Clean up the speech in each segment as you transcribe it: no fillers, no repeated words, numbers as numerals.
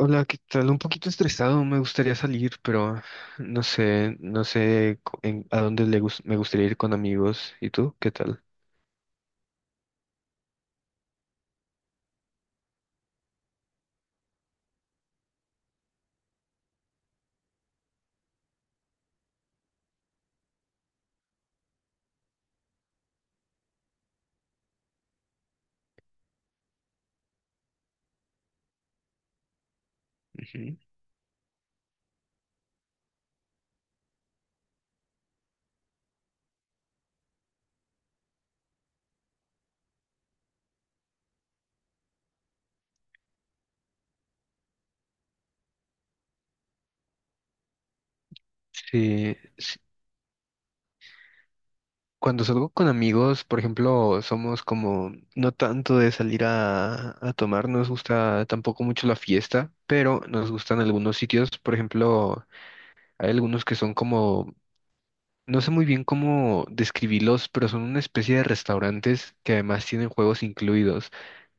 Hola, ¿qué tal? Un poquito estresado, me gustaría salir, pero no sé, a dónde me gustaría ir con amigos. ¿Y tú? ¿Qué tal? Ujú. Sí, sí, cuando salgo con amigos, por ejemplo, somos como no tanto de salir a tomar, no nos gusta tampoco mucho la fiesta, pero nos gustan algunos sitios, por ejemplo, hay algunos que son como, no sé muy bien cómo describirlos, pero son una especie de restaurantes que además tienen juegos incluidos,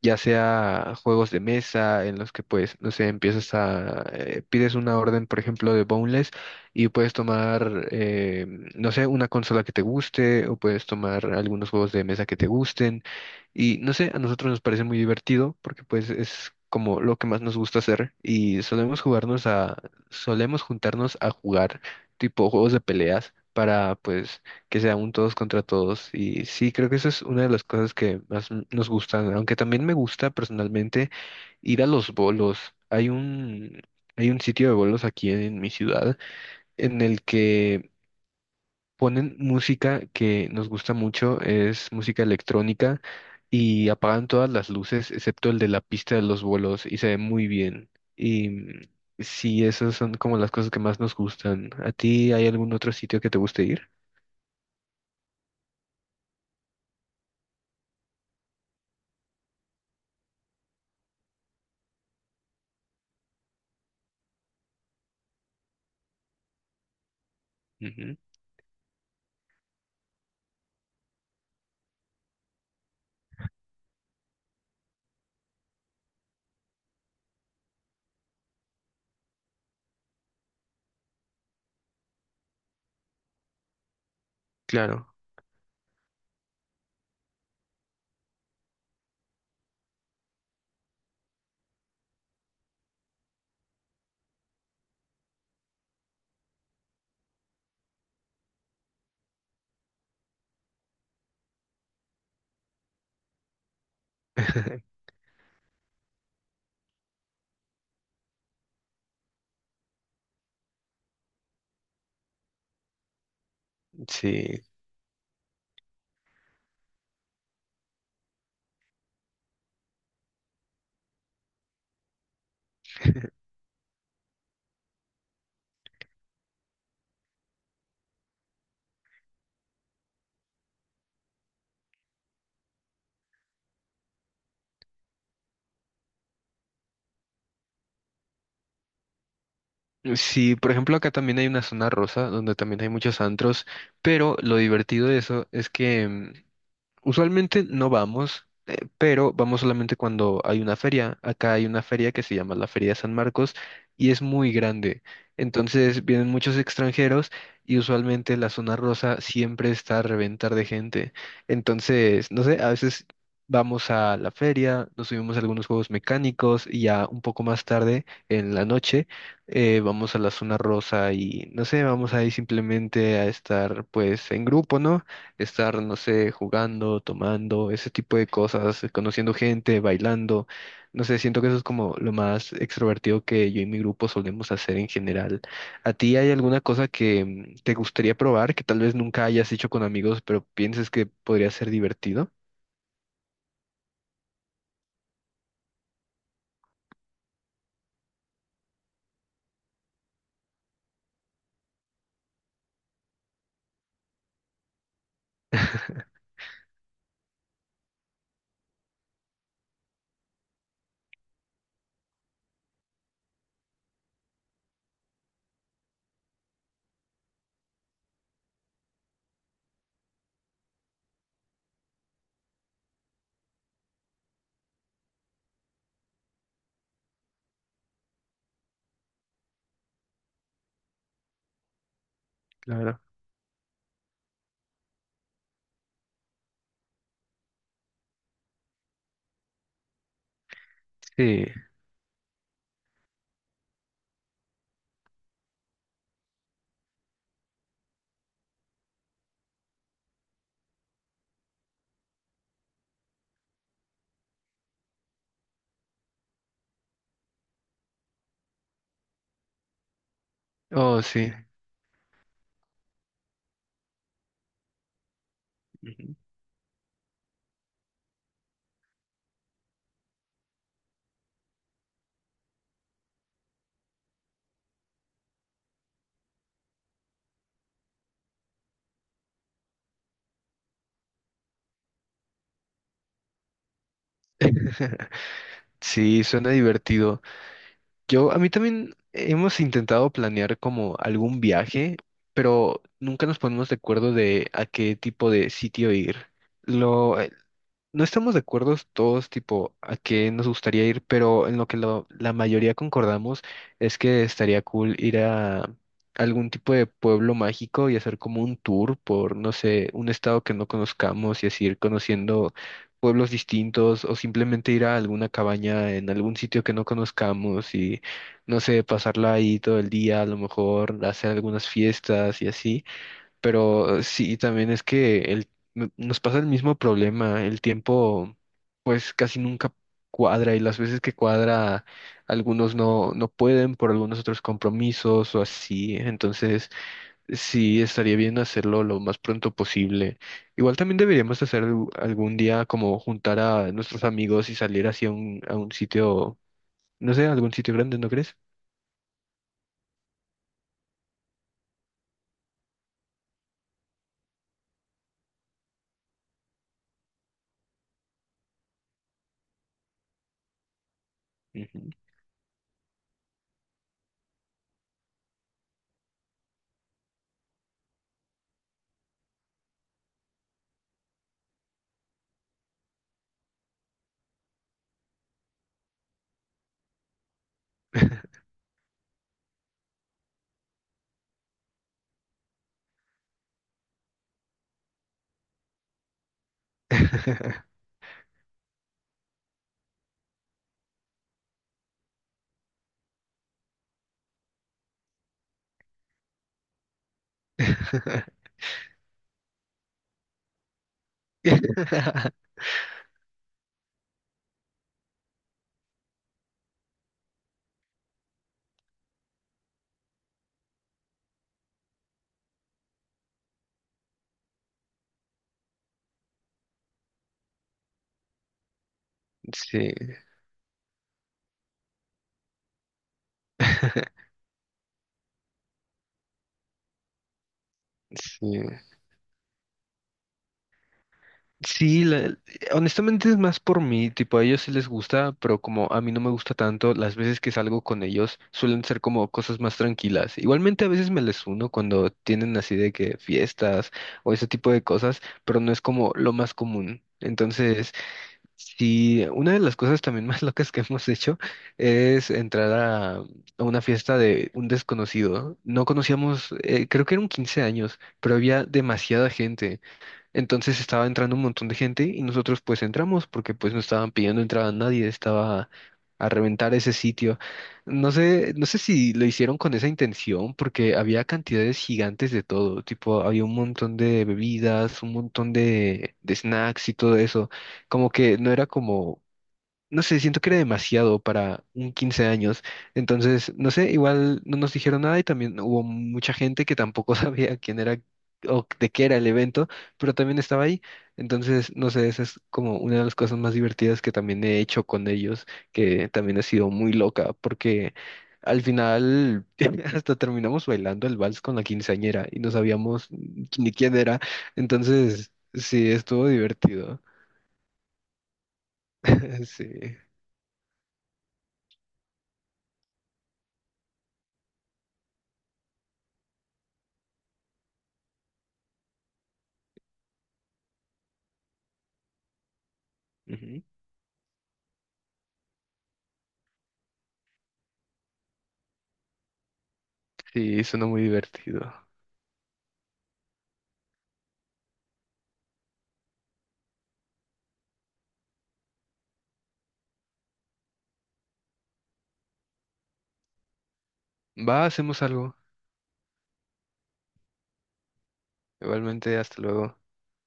ya sea juegos de mesa en los que pues, no sé, pides una orden, por ejemplo, de boneless y puedes tomar, no sé, una consola que te guste, o puedes tomar algunos juegos de mesa que te gusten. Y no sé, a nosotros nos parece muy divertido, porque pues es como lo que más nos gusta hacer, y solemos juntarnos a jugar tipo juegos de peleas para pues que sea un todos contra todos. Y sí, creo que eso es una de las cosas que nos gustan, aunque también me gusta personalmente ir a los bolos. Hay un, hay un sitio de bolos aquí en mi ciudad en el que ponen música que nos gusta mucho, es música electrónica, y apagan todas las luces excepto el de la pista de los vuelos y se ve muy bien. Y sí, esas son como las cosas que más nos gustan. ¿A ti hay algún otro sitio que te guste ir? Ujú. Claro. Sí. Sí, por ejemplo, acá también hay una zona rosa donde también hay muchos antros, pero lo divertido de eso es que usualmente no vamos, pero vamos solamente cuando hay una feria. Acá hay una feria que se llama la Feria de San Marcos y es muy grande. Entonces vienen muchos extranjeros y usualmente la zona rosa siempre está a reventar de gente. Entonces, no sé, a veces vamos a la feria, nos subimos a algunos juegos mecánicos, y ya un poco más tarde en la noche vamos a la zona rosa y no sé, vamos ahí simplemente a estar pues en grupo, ¿no? Estar, no sé, jugando, tomando, ese tipo de cosas, conociendo gente, bailando. No sé, siento que eso es como lo más extrovertido que yo y mi grupo solemos hacer en general. ¿A ti hay alguna cosa que te gustaría probar, que tal vez nunca hayas hecho con amigos, pero pienses que podría ser divertido? Claro. Sí. Oh, sí. Ujú. Sí, suena divertido. Yo, a mí también hemos intentado planear como algún viaje, pero nunca nos ponemos de acuerdo de a qué tipo de sitio ir. Lo, no estamos de acuerdo todos, tipo, a qué nos gustaría ir, pero en lo que la mayoría concordamos es que estaría cool ir a algún tipo de pueblo mágico y hacer como un tour por, no sé, un estado que no conozcamos, y así ir conociendo pueblos distintos, o simplemente ir a alguna cabaña en algún sitio que no conozcamos y, no sé, pasarla ahí todo el día, a lo mejor hacer algunas fiestas y así. Pero sí, también es que nos pasa el mismo problema. El tiempo pues casi nunca cuadra, y las veces que cuadra, algunos no pueden por algunos otros compromisos o así. Entonces, sí, estaría bien hacerlo lo más pronto posible. Igual también deberíamos hacer algún día como juntar a nuestros amigos y salir a un sitio, no sé, algún sitio grande, ¿no crees? Ujú. Sí. Sí, Sí, honestamente es más por mí, tipo a ellos sí les gusta, pero como a mí no me gusta tanto, las veces que salgo con ellos suelen ser como cosas más tranquilas. Igualmente a veces me les uno cuando tienen así de que fiestas o ese tipo de cosas, pero no es como lo más común. Entonces, sí, una de las cosas también más locas que hemos hecho es entrar a una fiesta de un desconocido. No conocíamos, creo que eran 15 años, pero había demasiada gente. Entonces estaba entrando un montón de gente y nosotros pues entramos porque pues no estaban pidiendo entrada a nadie, estaba a reventar ese sitio. No sé, no sé si lo hicieron con esa intención porque había cantidades gigantes de todo, tipo había un montón de bebidas, un montón de snacks y todo eso, como que no era como, no sé, siento que era demasiado para un 15 años. Entonces, no sé, igual no nos dijeron nada, y también hubo mucha gente que tampoco sabía quién era o de qué era el evento, pero también estaba ahí. Entonces, no sé, esa es como una de las cosas más divertidas que también he hecho con ellos, que también ha sido muy loca, porque al final hasta terminamos bailando el vals con la quinceañera y no sabíamos ni quién era. Entonces, sí, estuvo divertido. Sí. Sí, suena muy divertido. Va, hacemos algo. Igualmente, hasta luego.